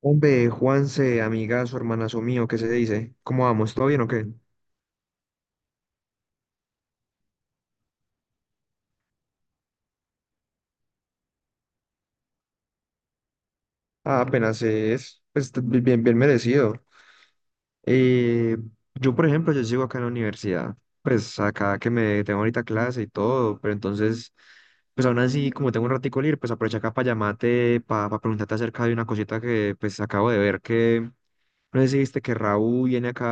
Hombre, Juanse, amigazo, hermanazo mío, ¿qué se dice? ¿Cómo vamos? ¿Todo bien o qué? Ah, apenas es, pues, bien, bien merecido. Eh, yo, por ejemplo, yo sigo acá en la universidad, pues, acá que me tengo ahorita clase y todo, pero entonces, pues, aún así, como tengo un ratico libre, pues, aprovecho acá para llamarte, para preguntarte acerca de una cosita que, pues, acabo de ver que, no sé si viste que Raúl viene acá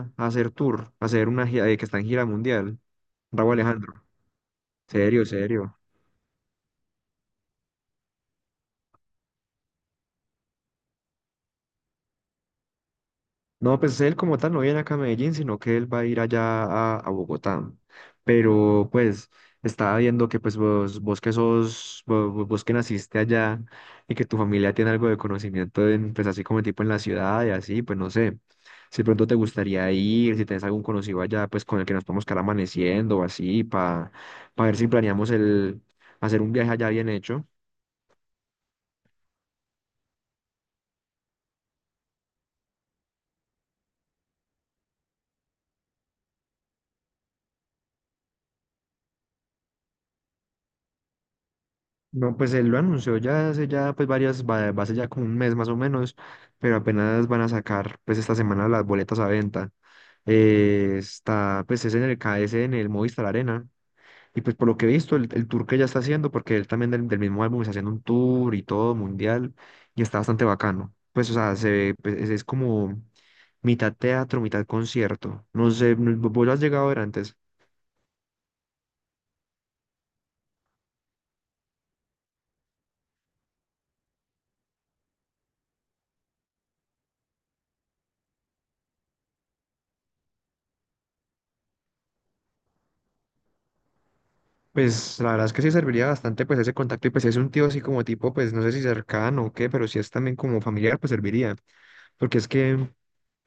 a hacer tour, a hacer una gira, que está en gira mundial. Raúl Alejandro, serio, serio. No, pues él como tal no viene acá a Medellín, sino que él va a ir allá a Bogotá. Pero pues estaba viendo que pues vos que sos, vos, que naciste allá y que tu familia tiene algo de conocimiento en, pues así como tipo en la ciudad y así, pues no sé, si de pronto te gustaría ir, si tenés algún conocido allá, pues con el que nos podemos quedar amaneciendo o así, para ver si planeamos el hacer un viaje allá bien hecho. No, pues él lo anunció ya hace ya pues varias, va a ser ya como un mes más o menos, pero apenas van a sacar pues esta semana las boletas a venta. Está pues es en el K KS, en el Movistar Arena. Y pues por lo que he visto, el tour que ya está haciendo, porque él también del mismo álbum está haciendo un tour y todo mundial, y está bastante bacano. Pues o sea, se ve, pues, es como mitad teatro, mitad concierto. No sé, ¿vos lo has llegado a ver antes? Pues la verdad es que sí serviría bastante pues ese contacto y pues si es un tío así como tipo, pues no sé si cercano o qué, pero si es también como familiar, pues serviría. Porque es que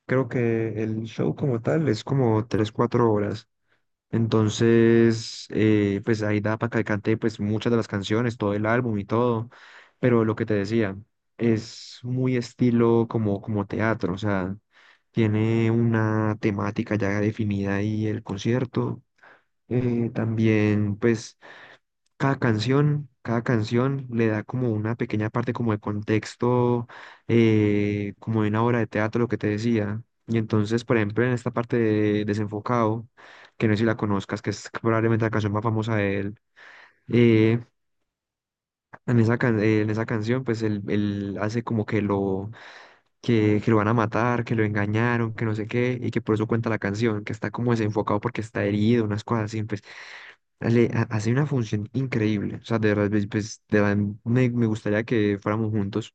creo que el show como tal es como 3 4 horas. Entonces, pues ahí da para que cante pues muchas de las canciones, todo el álbum y todo. Pero lo que te decía, es muy estilo como teatro, o sea, tiene una temática ya definida y el concierto. También pues cada canción le da como una pequeña parte como de contexto, como de una obra de teatro, lo que te decía. Y entonces, por ejemplo, en esta parte de Desenfocado, que no sé si la conozcas, que es probablemente la canción más famosa de él, eh, en esa, en esa canción, pues él hace como que que lo van a matar, que lo engañaron, que no sé qué, y que por eso cuenta la canción, que está como desenfocado porque está herido, unas cosas así. Pues. Hace una función increíble. O sea, de verdad, de verdad, me gustaría que fuéramos juntos.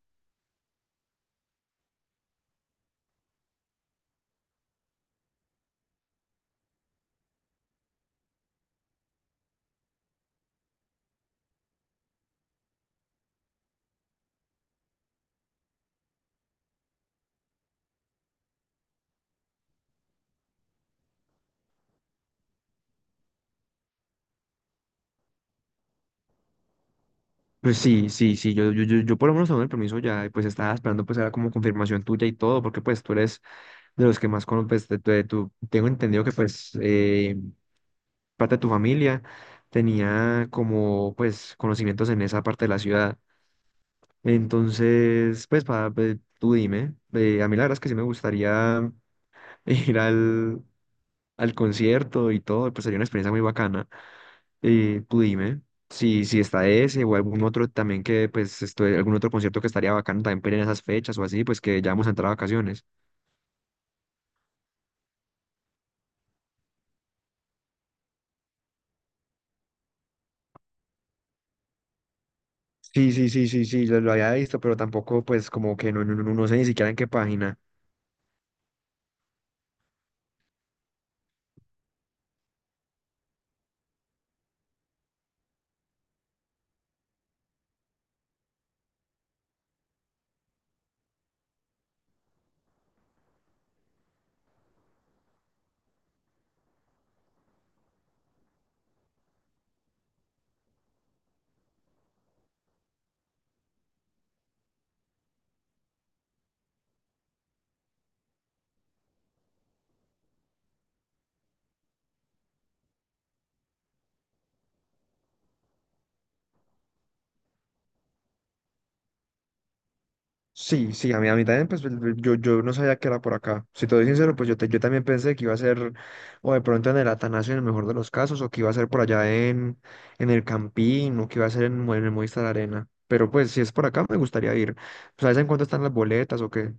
Pues yo por lo menos tengo el permiso ya, y pues estaba esperando pues era como confirmación tuya y todo, porque pues tú eres de los que más conoces, pues, de tengo entendido que pues parte de tu familia tenía como pues conocimientos en esa parte de la ciudad. Entonces, pues, para, tú dime, a mí la verdad es que sí me gustaría ir al, al concierto y todo, pues sería una experiencia muy bacana. Y tú dime si, si está ese o algún otro también que, pues, algún otro concierto que estaría bacano también para ir en esas fechas o así, pues que ya vamos a entrar a vacaciones. Sí, lo había visto, pero tampoco, pues, como que no, no sé ni siquiera en qué página. Sí, sí, a mí también, pues, yo no sabía que era por acá. Si te doy sincero, pues yo, yo también pensé que iba a ser, o de pronto en el Atanasio en el mejor de los casos, o que iba a ser por allá en el Campín, o que iba a ser en, en el Movistar Arena. Pero pues, si es por acá, me gustaría ir. ¿Sabes en cuánto están las boletas o qué?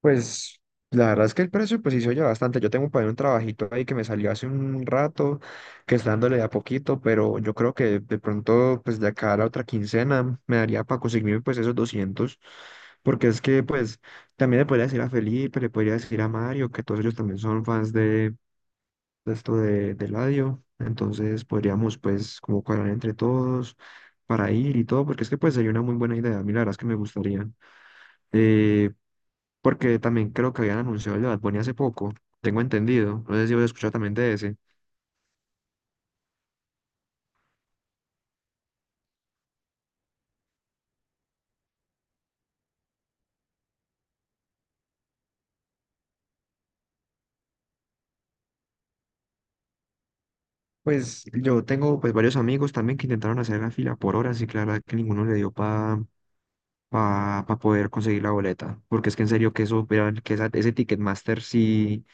Pues la verdad es que el precio pues sí se oye bastante. Yo tengo por ahí un trabajito ahí que me salió hace un rato, que está dándole de a poquito, pero yo creo que de pronto pues de acá a la otra quincena me daría para conseguirme pues esos 200 porque es que pues también le podría decir a Felipe, le podría decir a Mario, que todos ellos también son fans de esto de Eladio, entonces podríamos pues como cuadrar entre todos para ir y todo, porque es que pues sería una muy buena idea. A mí la verdad es que me gustaría. Eh, porque también creo que habían anunciado el de Bad Bunny hace poco, tengo entendido, no sé si habéis escuchado también de ese. Pues yo tengo pues varios amigos también que intentaron hacer la fila por horas y claro que ninguno le dio para pa, pa pa poder conseguir la boleta, porque es que en serio que eso, ese Ticketmaster sí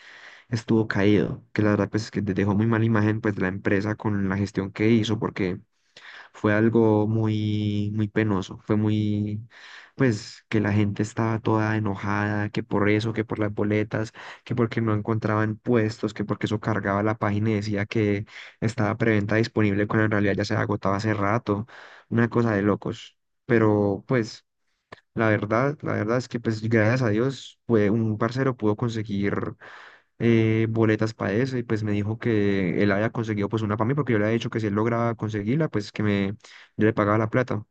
estuvo caído, que la verdad pues es que dejó muy mala imagen pues de la empresa con la gestión que hizo, porque fue algo muy, muy penoso, fue muy, pues, que la gente estaba toda enojada, que por eso, que por las boletas, que porque no encontraban puestos, que porque eso cargaba la página y decía que estaba preventa disponible cuando en realidad ya se agotaba hace rato, una cosa de locos. Pero, pues, la verdad es que, pues, gracias a Dios, fue un parcero pudo conseguir boletas para eso y pues me dijo que él había conseguido pues una para mí porque yo le había dicho que si él lograba conseguirla pues que me yo le pagaba la plata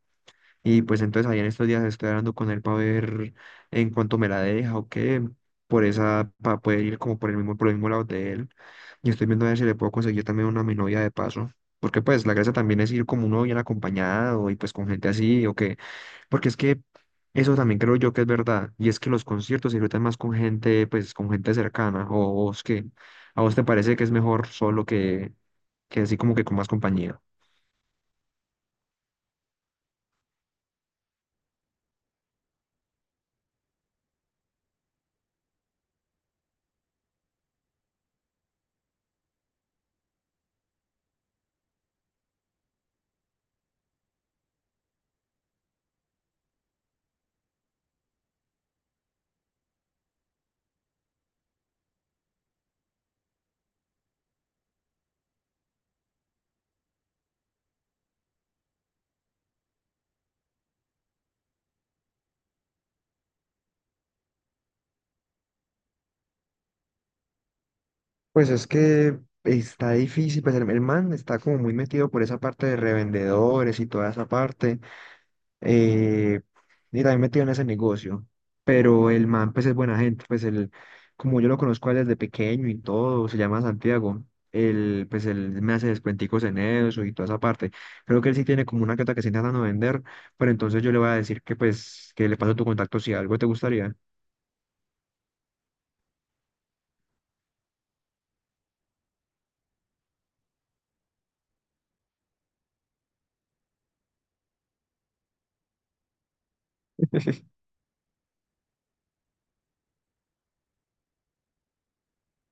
y pues entonces ahí en estos días estoy hablando con él para ver en cuánto me la deja o qué por esa para poder ir como por el mismo lado de él y estoy viendo a ver si le puedo conseguir también una a mi novia de paso porque pues la gracia también es ir como uno bien acompañado y pues con gente así o porque es que eso también creo yo que es verdad, y es que los conciertos se disfrutan más con gente, pues con gente cercana, o vos que, a vos te parece que es mejor solo que así como que con más compañía. Pues es que está difícil, pues el man está como muy metido por esa parte de revendedores y toda esa parte, eh, y también metido en ese negocio. Pero el man, pues es buena gente, pues el como yo lo conozco a él desde pequeño y todo, se llama Santiago. Él, pues él me hace descuenticos en eso y toda esa parte. Creo que él sí tiene como una que se intentando vender, pero entonces yo le voy a decir que pues que le paso tu contacto si algo te gustaría.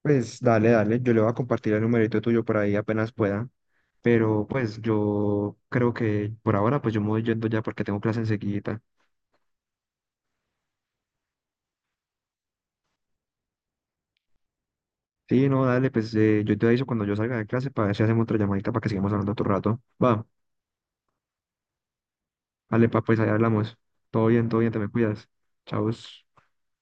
Pues dale, dale, yo le voy a compartir el numerito tuyo por ahí apenas pueda. Pero pues yo creo que por ahora pues yo me voy yendo ya porque tengo clase enseguida. Sí, no, dale, pues yo te aviso cuando yo salga de clase para ver si hacemos otra llamadita para que sigamos hablando otro rato. Va, dale, pa, pues ahí hablamos. Todo bien, te me cuidas. Chao.